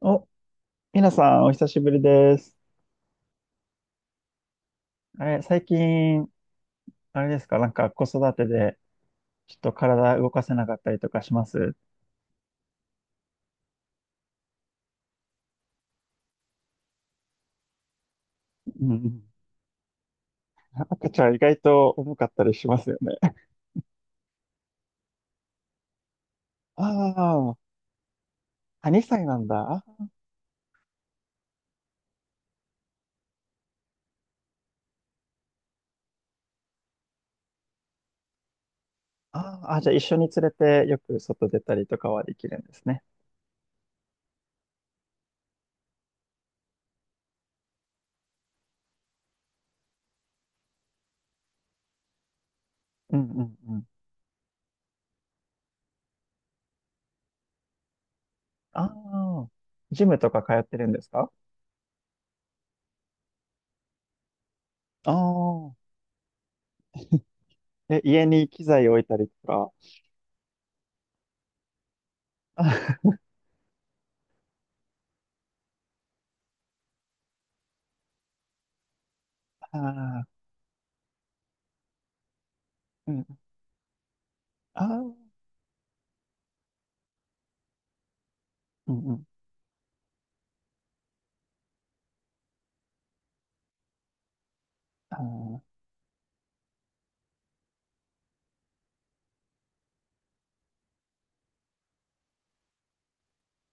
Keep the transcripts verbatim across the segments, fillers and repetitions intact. お、みなさん、お久しぶりです。あれ、最近、あれですか、なんか子育てで、ちょっと体動かせなかったりとかします？うんうん。赤ちゃん意外と重かったりしますよね。ああ、あ、にさいなんだ。ああ、あじゃあ一緒に連れてよく外出たりとかはできるんですね。うんうんうん。ああ、ジムとか通ってるんですか？ああ、え、家に機材置いたりとか？ああ、うん。ああ、うんうん。あー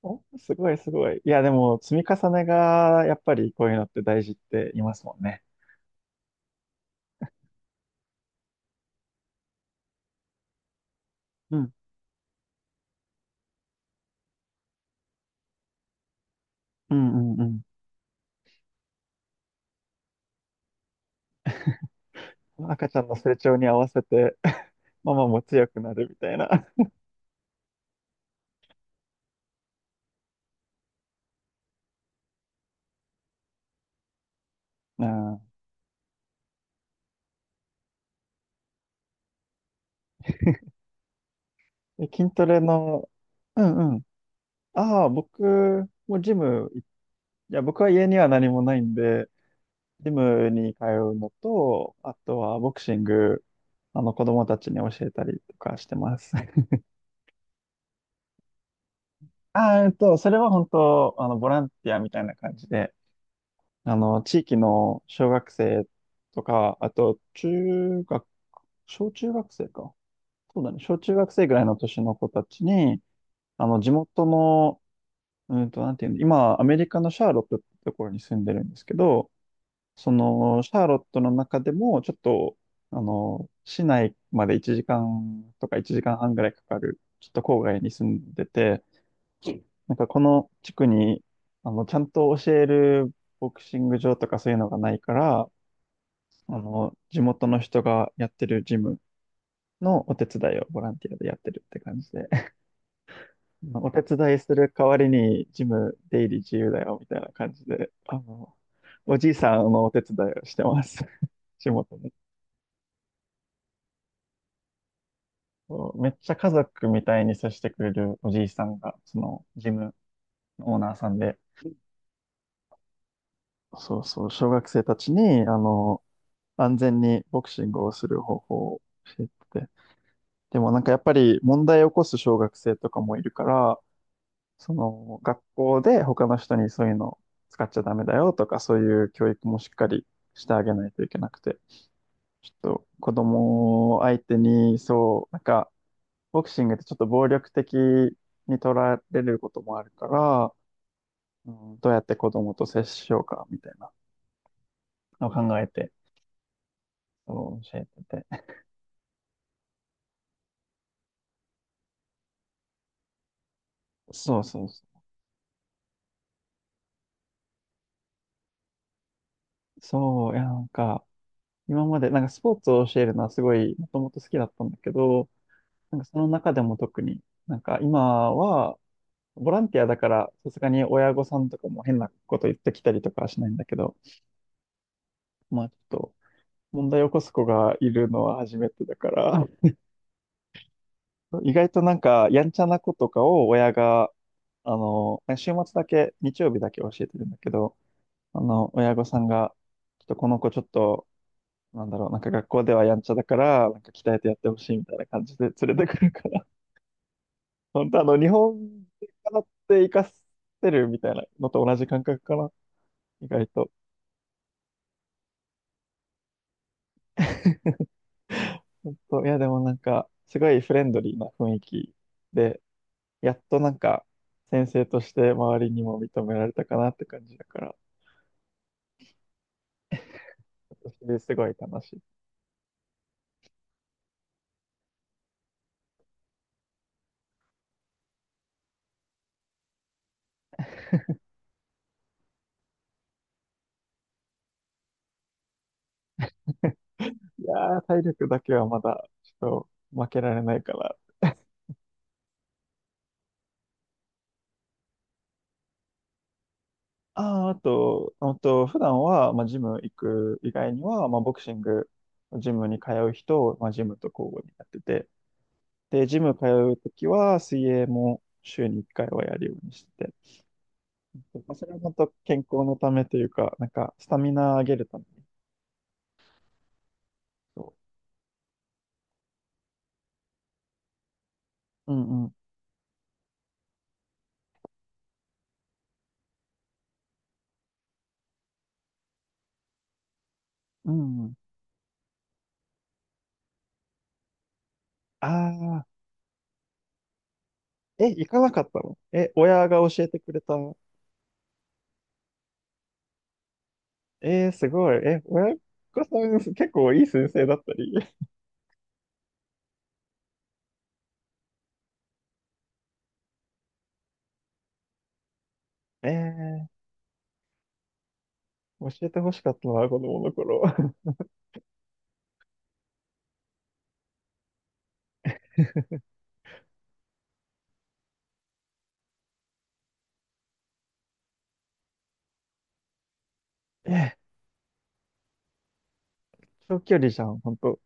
お、すごいすごい。いや、でも、積み重ねが、やっぱりこういうのって大事って言いますもんね。うん。うんうんうん。赤ちゃんの成長に合わせて ママも強くなるみたいな。うん。で筋トレの、うんうん。ああ、僕もジム、いや、僕は家には何もないんで、ジムに通うのと、あとはボクシング、あの子供たちに教えたりとかしてます。ああ、えっと、それは本当、あの、ボランティアみたいな感じで、あの、地域の小学生とか、あと、中学、小中学生か。そうだね。小中学生ぐらいの年の子たちに、あの、地元の、うんと、なんていうの、今、アメリカのシャーロットってところに住んでるんですけど、その、シャーロットの中でも、ちょっと、あの、市内までいちじかんとかいちじかんはんぐらいかかる、ちょっと郊外に住んでて、なんかこの地区に、あの、ちゃんと教えるボクシング場とかそういうのがないから、あの、地元の人がやってるジムのお手伝いをボランティアでやってるって感じで、まあお手伝いする代わりにジム出入り自由だよみたいな感じで、あの、おじいさんのお手伝いをしてます。地元で。そうめっちゃ家族みたいに接してくれるおじいさんが、そのジムのオーナーさんで、そうそう、小学生たちに、あの、安全にボクシングをする方法を教えてて、でもなんかやっぱり問題を起こす小学生とかもいるから、その学校で他の人にそういうの使っちゃダメだよとかそういう教育もしっかりしてあげないといけなくて、ちょっと子供を相手にそう、なんかボクシングってちょっと暴力的に取られることもあるから、うん、どうやって子供と接しようかみたいなのを考えて、そう教えてて。そうそうそう。そう、いやなんか今までなんかスポーツを教えるのはすごいもともと好きだったんだけど、なんかその中でも特になんか今はボランティアだから、さすがに親御さんとかも変なこと言ってきたりとかはしないんだけど、まあちょっと、問題を起こす子がいるのは初めてだから、意外となんか、やんちゃな子とかを親が、あの、週末だけ、日曜日だけ教えてるんだけど、あの、親御さんが、ちょっとこの子ちょっと、なんだろう、なんか学校ではやんちゃだから、なんか鍛えてやってほしいみたいな感じで連れてくるから、本当あの、日本で習って生かせるみたいなのと同じ感覚かな、意外と。そう、いや、でもなんか、すごいフレンドリーな雰囲気で、やっとなんか、先生として周りにも認められたかなって感じだから、私ですごい楽しい。いやー、体力だけはまだ、ちょっと負けられないから。ああ、あと、あと、普段は、まあ、ジム行く以外には、まあ、ボクシング、ジムに通う人を、まあ、ジムと交互にやってて、で、ジム通うときは、水泳も週にいっかいはやるようにしてて、まあそれは本当健康のためというか、なんか、スタミナ上げるために。そう。うんうん。うんうん。ああ、え、行かなかったの？え、親が教えてくれた？えー、すごい。え、親御さん、結構いい先生だったり。えー、教えてほしかったな、子供の頃。えー、長距離じゃん、本当。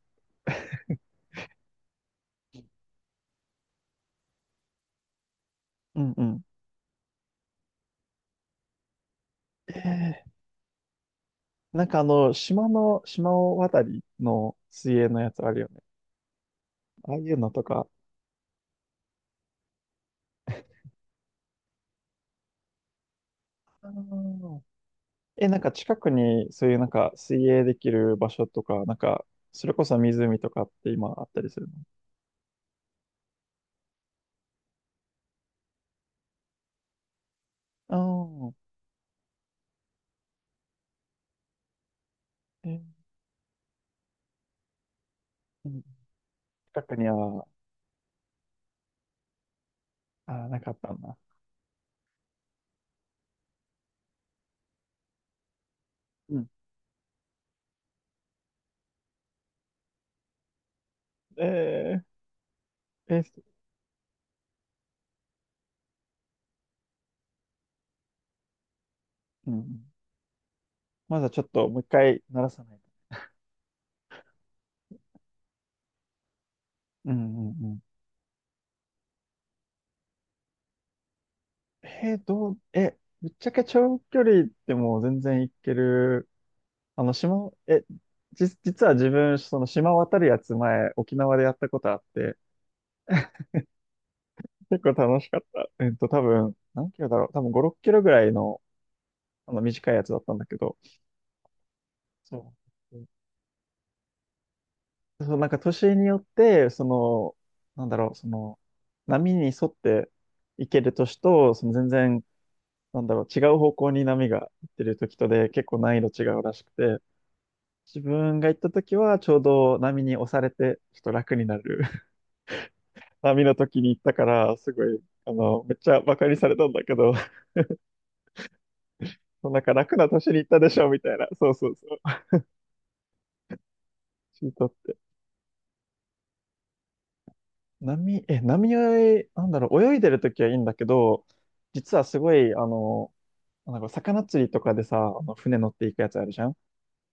うんうん。えー、なんかあの、島の、島を渡りの水泳のやつあるよね。ああいうのとか。あーえ、なんか近くにそういうなんか水泳できる場所とか、なんか、それこそ湖とかって今あったりするの？ああー、えうん近くには、あー、なかったんだ。うん。えー、えうん。まだちょっともう一回鳴らさないと。うんうんうん。えー、どう、え、ぶっちゃけ長距離でも全然行ける。あの、島、え、じ、実は自分、その島渡るやつ前、沖縄でやったことあって、結構楽しかった。えっと、多分、何キロだろう。多分ご、ろっキロぐらいの、あの短いやつだったんだけど、そう。そう、なんか年によって、その、なんだろう、その、波に沿っていける年と、その全然、なんだろう、違う方向に波が行ってる時とで結構難易度違うらしくて、自分が行った時はちょうど波に押されて、ちょっと楽になる 波の時に行ったから、すごい、あの、めっちゃバカにされたんだけど、なんか楽な年に行ったでしょ、みたいな。そうそうそう。チートって。波、え、波泳い、なんだろう、泳いでるときはいいんだけど、実はすごい、あの、なんか魚釣りとかでさ、あの船乗っていくやつあるじゃん？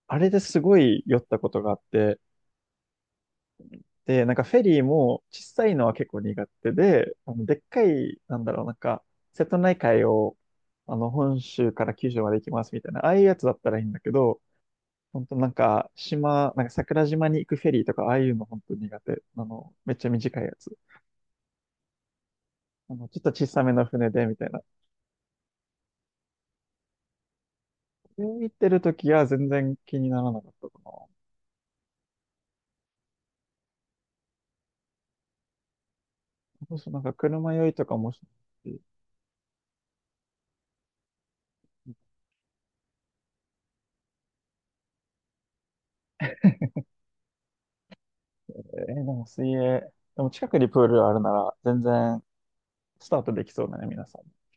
あれですごい酔ったことがあって、で、なんかフェリーも小さいのは結構苦手で、あのでっかい、なんだろう、なんか、瀬戸内海を、あの、本州から九州まで行きますみたいな、ああいうやつだったらいいんだけど、本当なんか、島、なんか桜島に行くフェリーとか、ああいうの本当苦手。あの、めっちゃ短いやつ。あの、ちょっと小さめの船で、みたいな。泳行ってる時は全然気にならなかったかな。そうそう、なんか車酔いとかもしないし、えーでも水泳、でも近くにプールあるなら、全然スタートできそうだね、皆さん。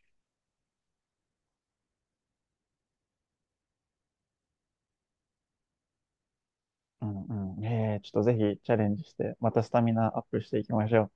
うんうん。えー、ちょっとぜひチャレンジして、またスタミナアップしていきましょう。